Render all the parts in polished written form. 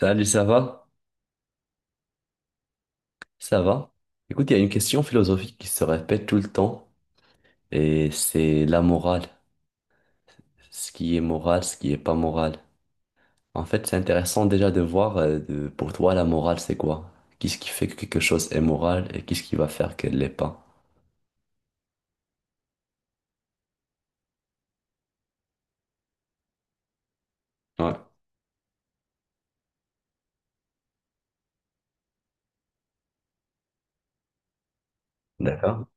Salut, ça va? Ça va? Écoute, il y a une question philosophique qui se répète tout le temps, et c'est la morale. Ce qui est moral, ce qui est pas moral. En fait, c'est intéressant déjà de voir, pour toi, la morale, c'est quoi? Qu'est-ce qui fait que quelque chose est moral et qu'est-ce qui va faire qu'elle l'est pas? Ouais. D'accord.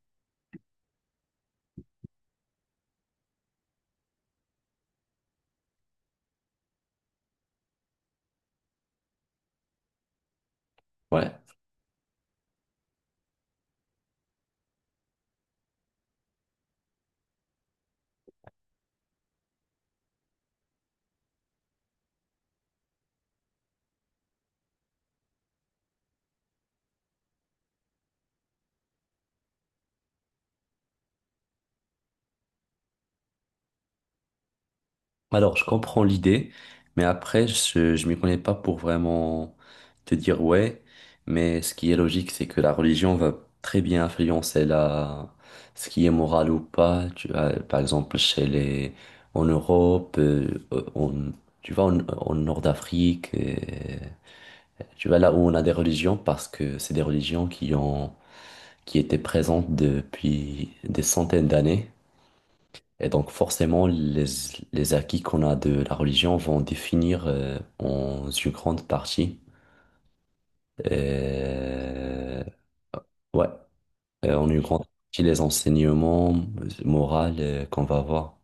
Ouais. Alors, je comprends l'idée, mais après, je m'y connais pas pour vraiment te dire ouais. Mais ce qui est logique, c'est que la religion va très bien influencer ce qui est moral ou pas. Tu vois, par exemple, en Europe, tu vois, en Nord d'Afrique, tu vois, là où on a des religions, parce que c'est des religions qui ont, qui étaient présentes depuis des centaines d'années. Et donc forcément, les acquis qu'on a de la religion vont définir en une grande partie, euh, ouais, en une grande partie les enseignements moraux qu'on va avoir.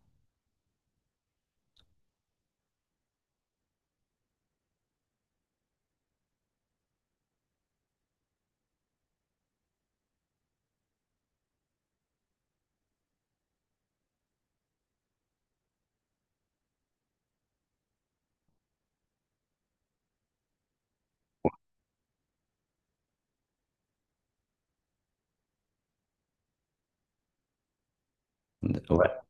Ouais.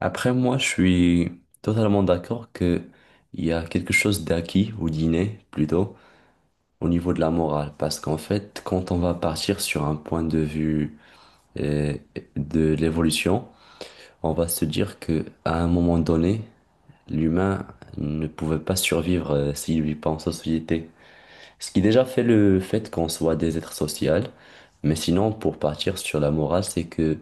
Après, moi, je suis totalement d'accord que il y a quelque chose d'acquis ou d'inné plutôt au niveau de la morale, parce qu'en fait, quand on va partir sur un point de vue euh, de l'évolution, on va se dire que à un moment donné l'humain ne pouvait pas survivre s'il vit pas en société. Ce qui déjà fait le fait qu'on soit des êtres sociaux. Mais sinon, pour partir sur la morale, c'est que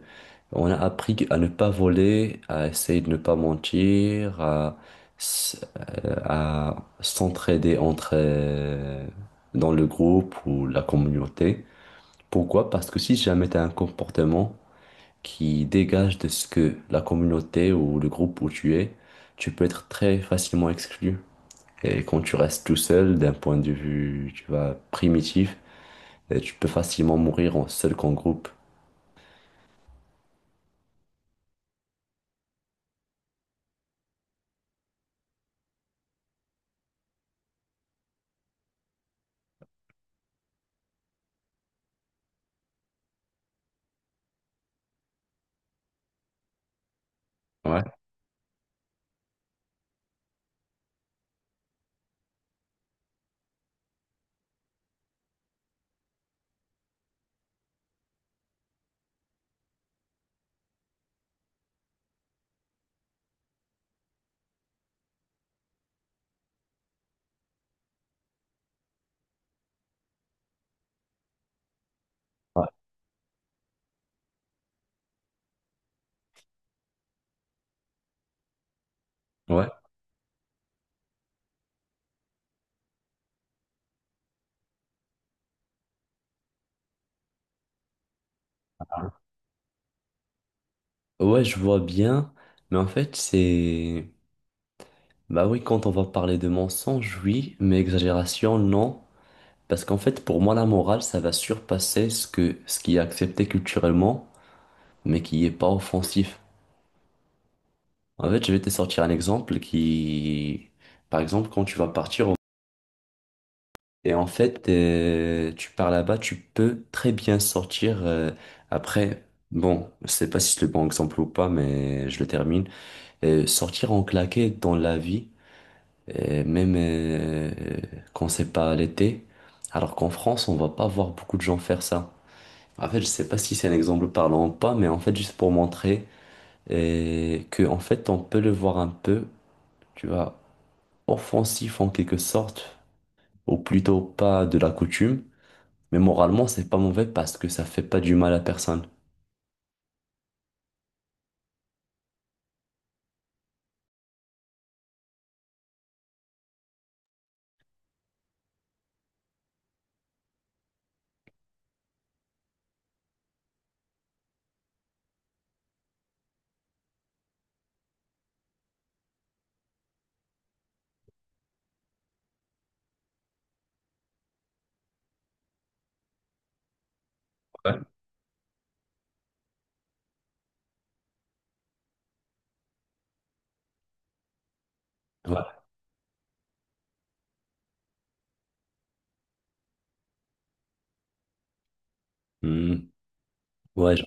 on a appris à ne pas voler, à essayer de ne pas mentir, s- à s'entraider entre dans le groupe ou la communauté. Pourquoi? Parce que si jamais tu as un comportement qui dégage de ce que la communauté ou le groupe où tu es, tu peux être très facilement exclu. Et quand tu restes tout seul, d'un point de vue, tu vois, primitif, tu peux facilement mourir en seul qu'en groupe. Ouais. Ouais, ouais, ouais, je vois bien, mais en fait, c'est... Bah oui, quand on va parler de mensonge, oui, mais exagération, non. Parce qu'en fait, pour moi, la morale, ça va surpasser ce qui est accepté culturellement, mais qui n'est pas offensif. En fait, je vais te sortir un exemple par exemple, quand tu vas partir au- et en fait, tu pars là-bas, tu peux très bien sortir après. Bon, je sais pas si c'est le bon exemple ou pas, mais je le termine. Sortir en claqué dans la vie, même quand c'est pas l'été, alors qu'en France, on va pas voir beaucoup de gens faire ça. En fait, je sais pas si c'est un exemple parlant ou pas, mais en fait, juste pour montrer que en fait, on peut le voir un peu, tu vois offensif en quelque sorte, ou plutôt pas de la coutume, mais moralement, c'est pas mauvais parce que ça fait pas du mal à personne. Ouais. Hmm. Ouais, je-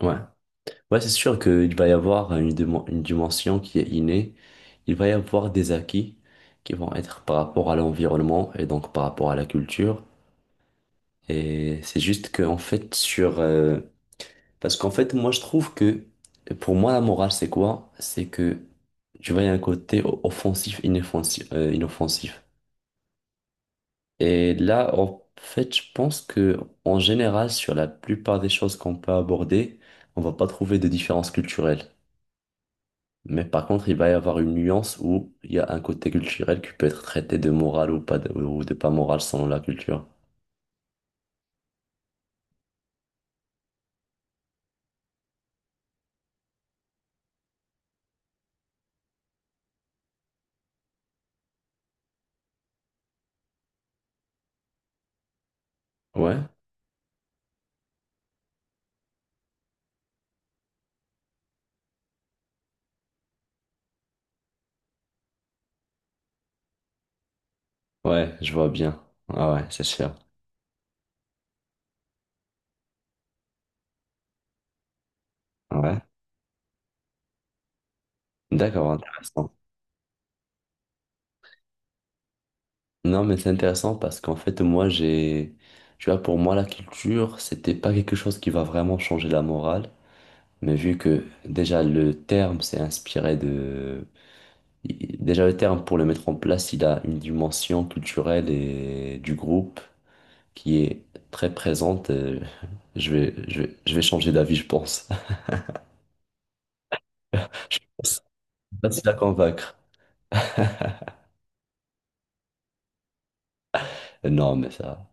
ouais. Ouais, c'est sûr qu'il va y avoir une dimension qui est innée. Il va y avoir des acquis qui vont être par rapport à l'environnement et donc par rapport à la culture. Et c'est juste que, en fait, sur. Parce qu'en fait, moi, je trouve que pour moi, la morale, c'est quoi? C'est que tu vois, il y a un côté offensif, inoffensif. Et là, en fait, je pense que en général, sur la plupart des choses qu'on peut aborder, on va pas trouver de différence culturelle. Mais par contre, il va y avoir une nuance où il y a un côté culturel qui peut être traité de moral ou pas de, ou de pas moral selon la culture. Ouais, ouais, je vois bien. Ah ouais, c'est sûr. Ouais. D'accord, intéressant. Non, mais c'est intéressant parce qu'en fait, tu vois, pour moi, la culture, c'était pas quelque chose qui va vraiment changer la morale. Mais vu que déjà le terme s'est inspiré de... Déjà le terme pour le mettre en place, il a une dimension culturelle et du groupe qui est très présente. Je vais changer d'avis, je pense. Je pense que c'est facile à convaincre. Non, mais ça,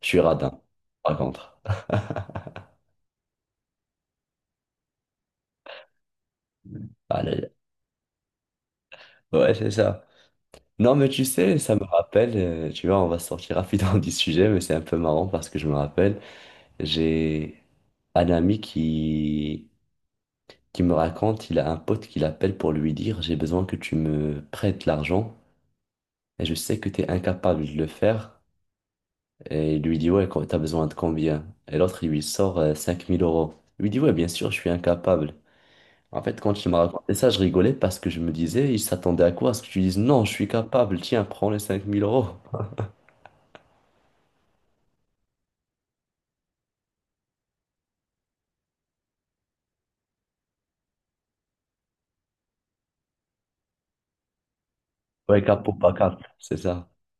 je suis radin, par contre. Allez. Ouais, c'est ça. Non, mais tu sais, ça me rappelle, tu vois, on va sortir rapidement du sujet, mais c'est un peu marrant parce que je me rappelle, j'ai un ami qui me raconte, il a un pote qui l'appelle pour lui dire, j'ai besoin que tu me prêtes l'argent et je sais que tu es incapable de le faire. Et il lui dit, ouais, t'as besoin de combien? Et l'autre, il lui sort 5000 euros. Il lui dit, ouais, bien sûr, je suis incapable. En fait, quand il m'a raconté ça, je rigolais parce que je me disais, il s'attendait à quoi? À ce que tu dises, non, je suis capable, tiens, prends les 5000 euros. Ouais, cap ou pas cap, c'est ça.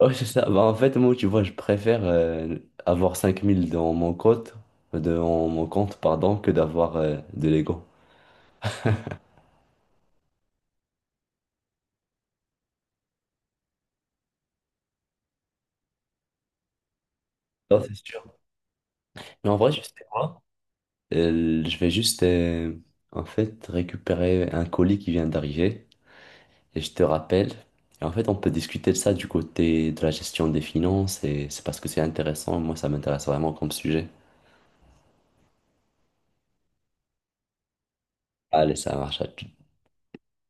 Ouais, c'est ça. Bah, en fait, moi, tu vois, je préfère avoir 5000 dans mon compte, pardon, que d'avoir de l'ego. Non, c'est sûr. Mais en vrai, je sais quoi? Euh, je vais juste, euh, en fait, récupérer un colis qui vient d'arriver et je te rappelle. Et en fait, on peut discuter de ça du côté de la gestion des finances et c'est parce que c'est intéressant. Moi, ça m'intéresse vraiment comme sujet. Allez, ça marche à tout.